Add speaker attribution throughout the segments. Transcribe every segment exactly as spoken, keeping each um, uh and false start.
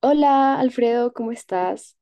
Speaker 1: Hola, Alfredo, ¿cómo estás?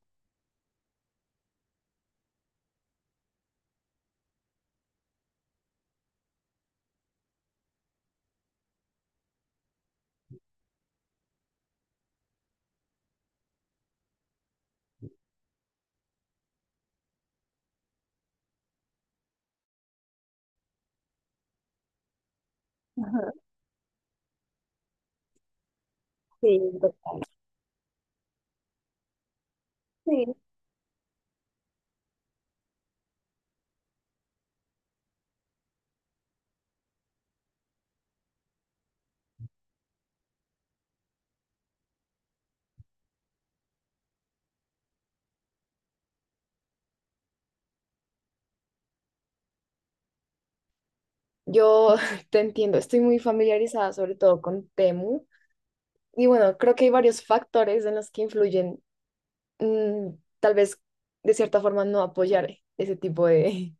Speaker 1: Yo te entiendo, estoy muy familiarizada sobre todo con Temu y bueno, creo que hay varios factores en los que influyen, mm, tal vez de cierta forma no apoyar ese tipo de,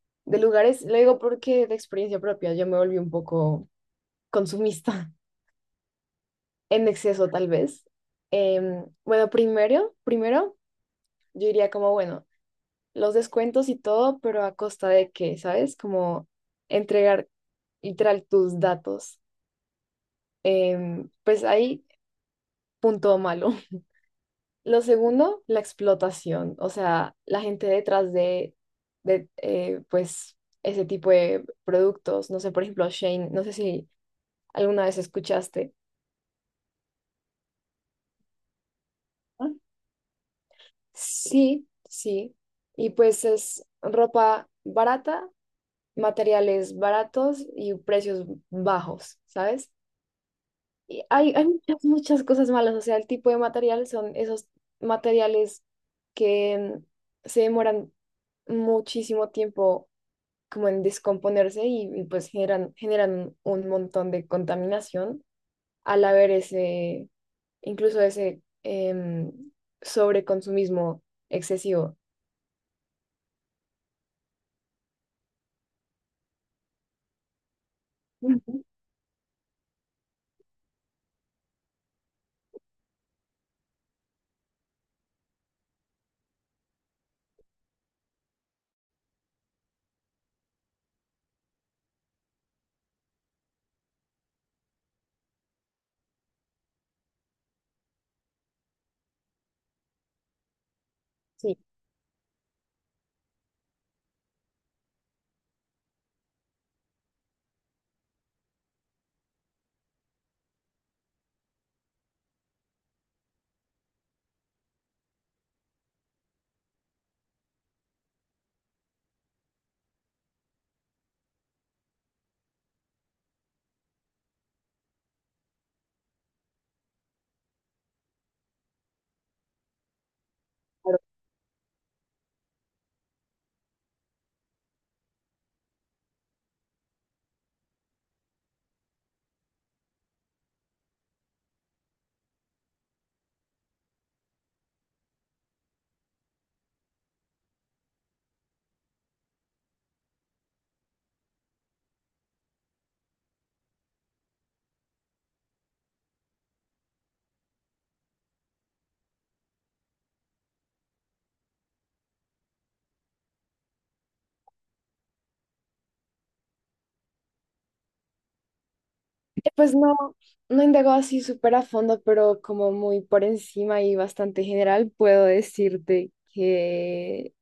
Speaker 1: de lugares. Lo digo porque de experiencia propia yo me volví un poco consumista en exceso tal vez. Em, bueno, primero, primero yo diría como, bueno, los descuentos y todo, pero a costa de qué, ¿sabes? Como entregar literal tus datos. Em, pues ahí, punto malo. Lo segundo, la explotación, o sea, la gente detrás de, de eh, pues, ese tipo de productos, no sé, por ejemplo, Shane, no sé si alguna vez escuchaste. ¿No? Sí, sí. Y pues es ropa barata, materiales baratos y precios bajos, ¿sabes? Y hay, hay muchas, muchas cosas malas, o sea, el tipo de material son esos materiales que mm, se demoran muchísimo tiempo como en descomponerse y, y, pues generan, generan un montón de contaminación al haber ese, incluso ese em, sobreconsumismo excesivo. Ujú. Sí. Eh, pues no, no indago así súper a fondo, pero como muy por encima y bastante general, puedo decirte que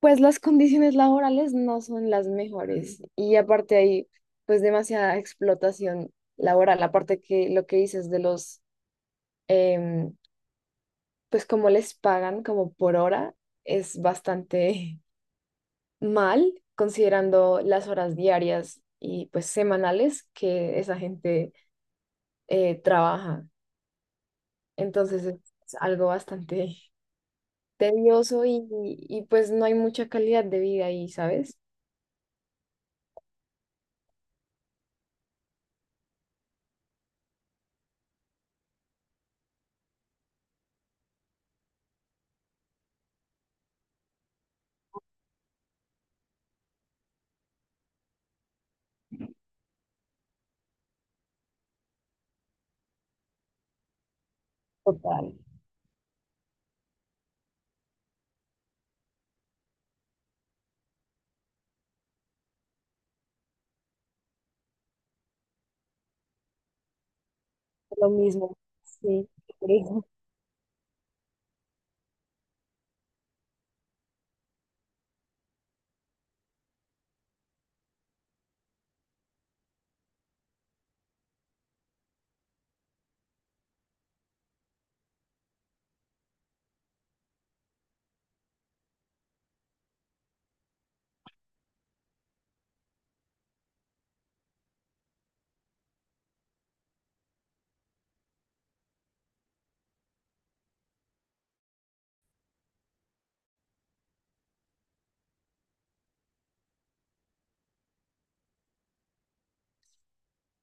Speaker 1: pues las condiciones laborales no son las mejores y aparte hay pues demasiada explotación laboral, aparte que lo que dices de los, em, pues como les pagan como por hora es bastante mal considerando las horas diarias y pues semanales que esa gente eh, trabaja. Entonces es es algo bastante tedioso y, y pues no hay mucha calidad de vida ahí, ¿sabes? Total. Lo mismo, sí. Por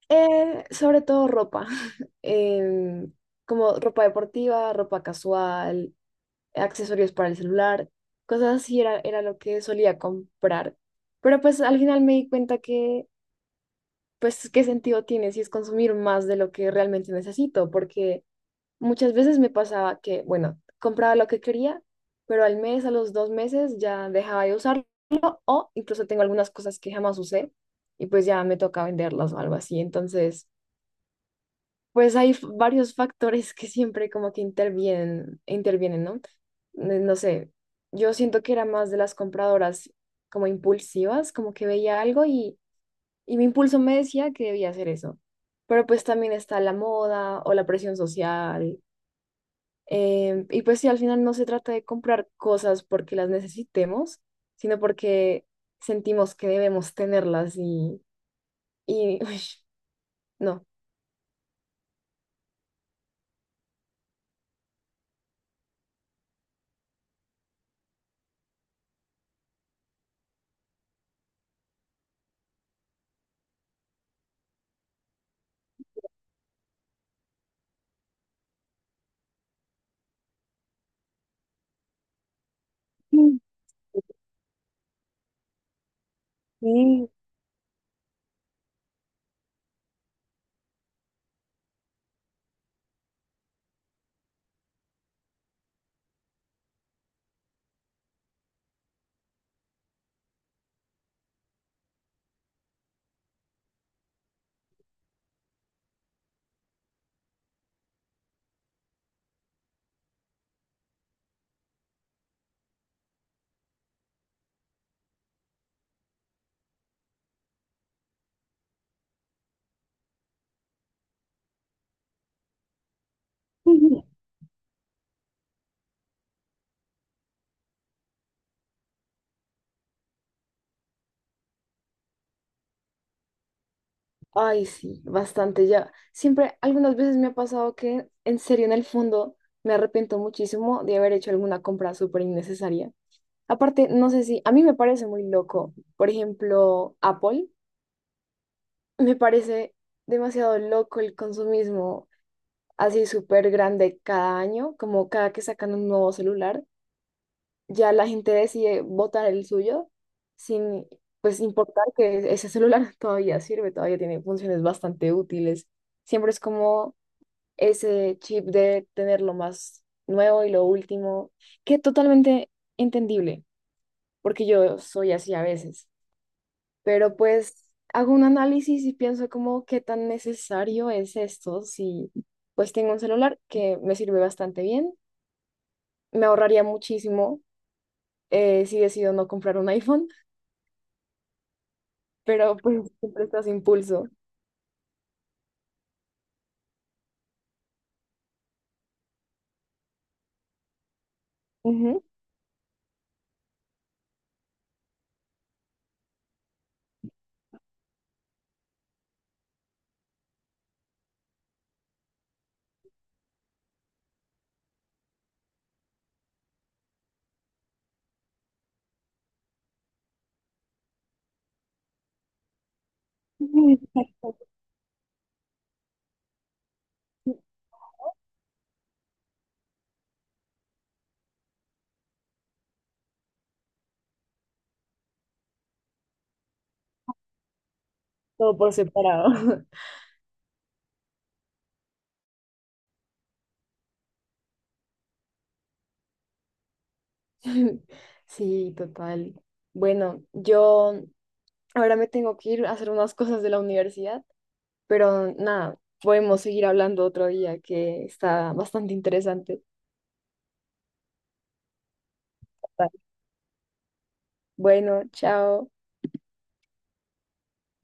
Speaker 1: Eh, sobre todo ropa, em, como ropa deportiva, ropa casual, accesorios para el celular, cosas así era, era lo que solía comprar. Pero pues al final me di cuenta que, pues, ¿qué sentido tiene si es consumir más de lo que realmente necesito? Porque muchas veces me pasaba que, bueno, compraba lo que quería, pero al mes, a los dos meses ya dejaba de usarlo o incluso tengo algunas cosas que jamás usé y pues ya me toca venderlas o algo así. Entonces, pues hay f- varios factores que siempre como que intervienen, intervienen, ¿no? Eh, No sé, yo siento que era más de las compradoras como impulsivas, como que veía algo y, y mi impulso me decía que debía hacer eso. Pero pues también está la moda o la presión social, eh, y pues sí, al final no se trata de comprar cosas porque las necesitemos, sino porque sentimos que debemos tenerlas y, y uy, no. Sí. Ay, sí, bastante ya. Siempre, algunas veces me ha pasado que en serio, en el fondo, me arrepiento muchísimo de haber hecho alguna compra súper innecesaria. Aparte, no sé si, a mí me parece muy loco. Por ejemplo, Apple, me parece demasiado loco el consumismo. Así súper grande cada año, como cada que sacan un nuevo celular, ya la gente decide botar el suyo sin pues importar que ese celular todavía sirve, todavía tiene funciones bastante útiles. Siempre es como ese chip de tener lo más nuevo y lo último, que totalmente entendible, porque yo soy así a veces, pero pues hago un análisis y pienso como qué tan necesario es esto si pues tengo un celular que me sirve bastante bien. Me ahorraría muchísimo, eh, si decido no comprar un iPhone, pero pues siempre estás impulso. Ujú. Todo por separado. Sí, total. Bueno, yo ahora me tengo que ir a hacer unas cosas de la universidad, pero nada, podemos seguir hablando otro día que está bastante interesante. Bueno, chao.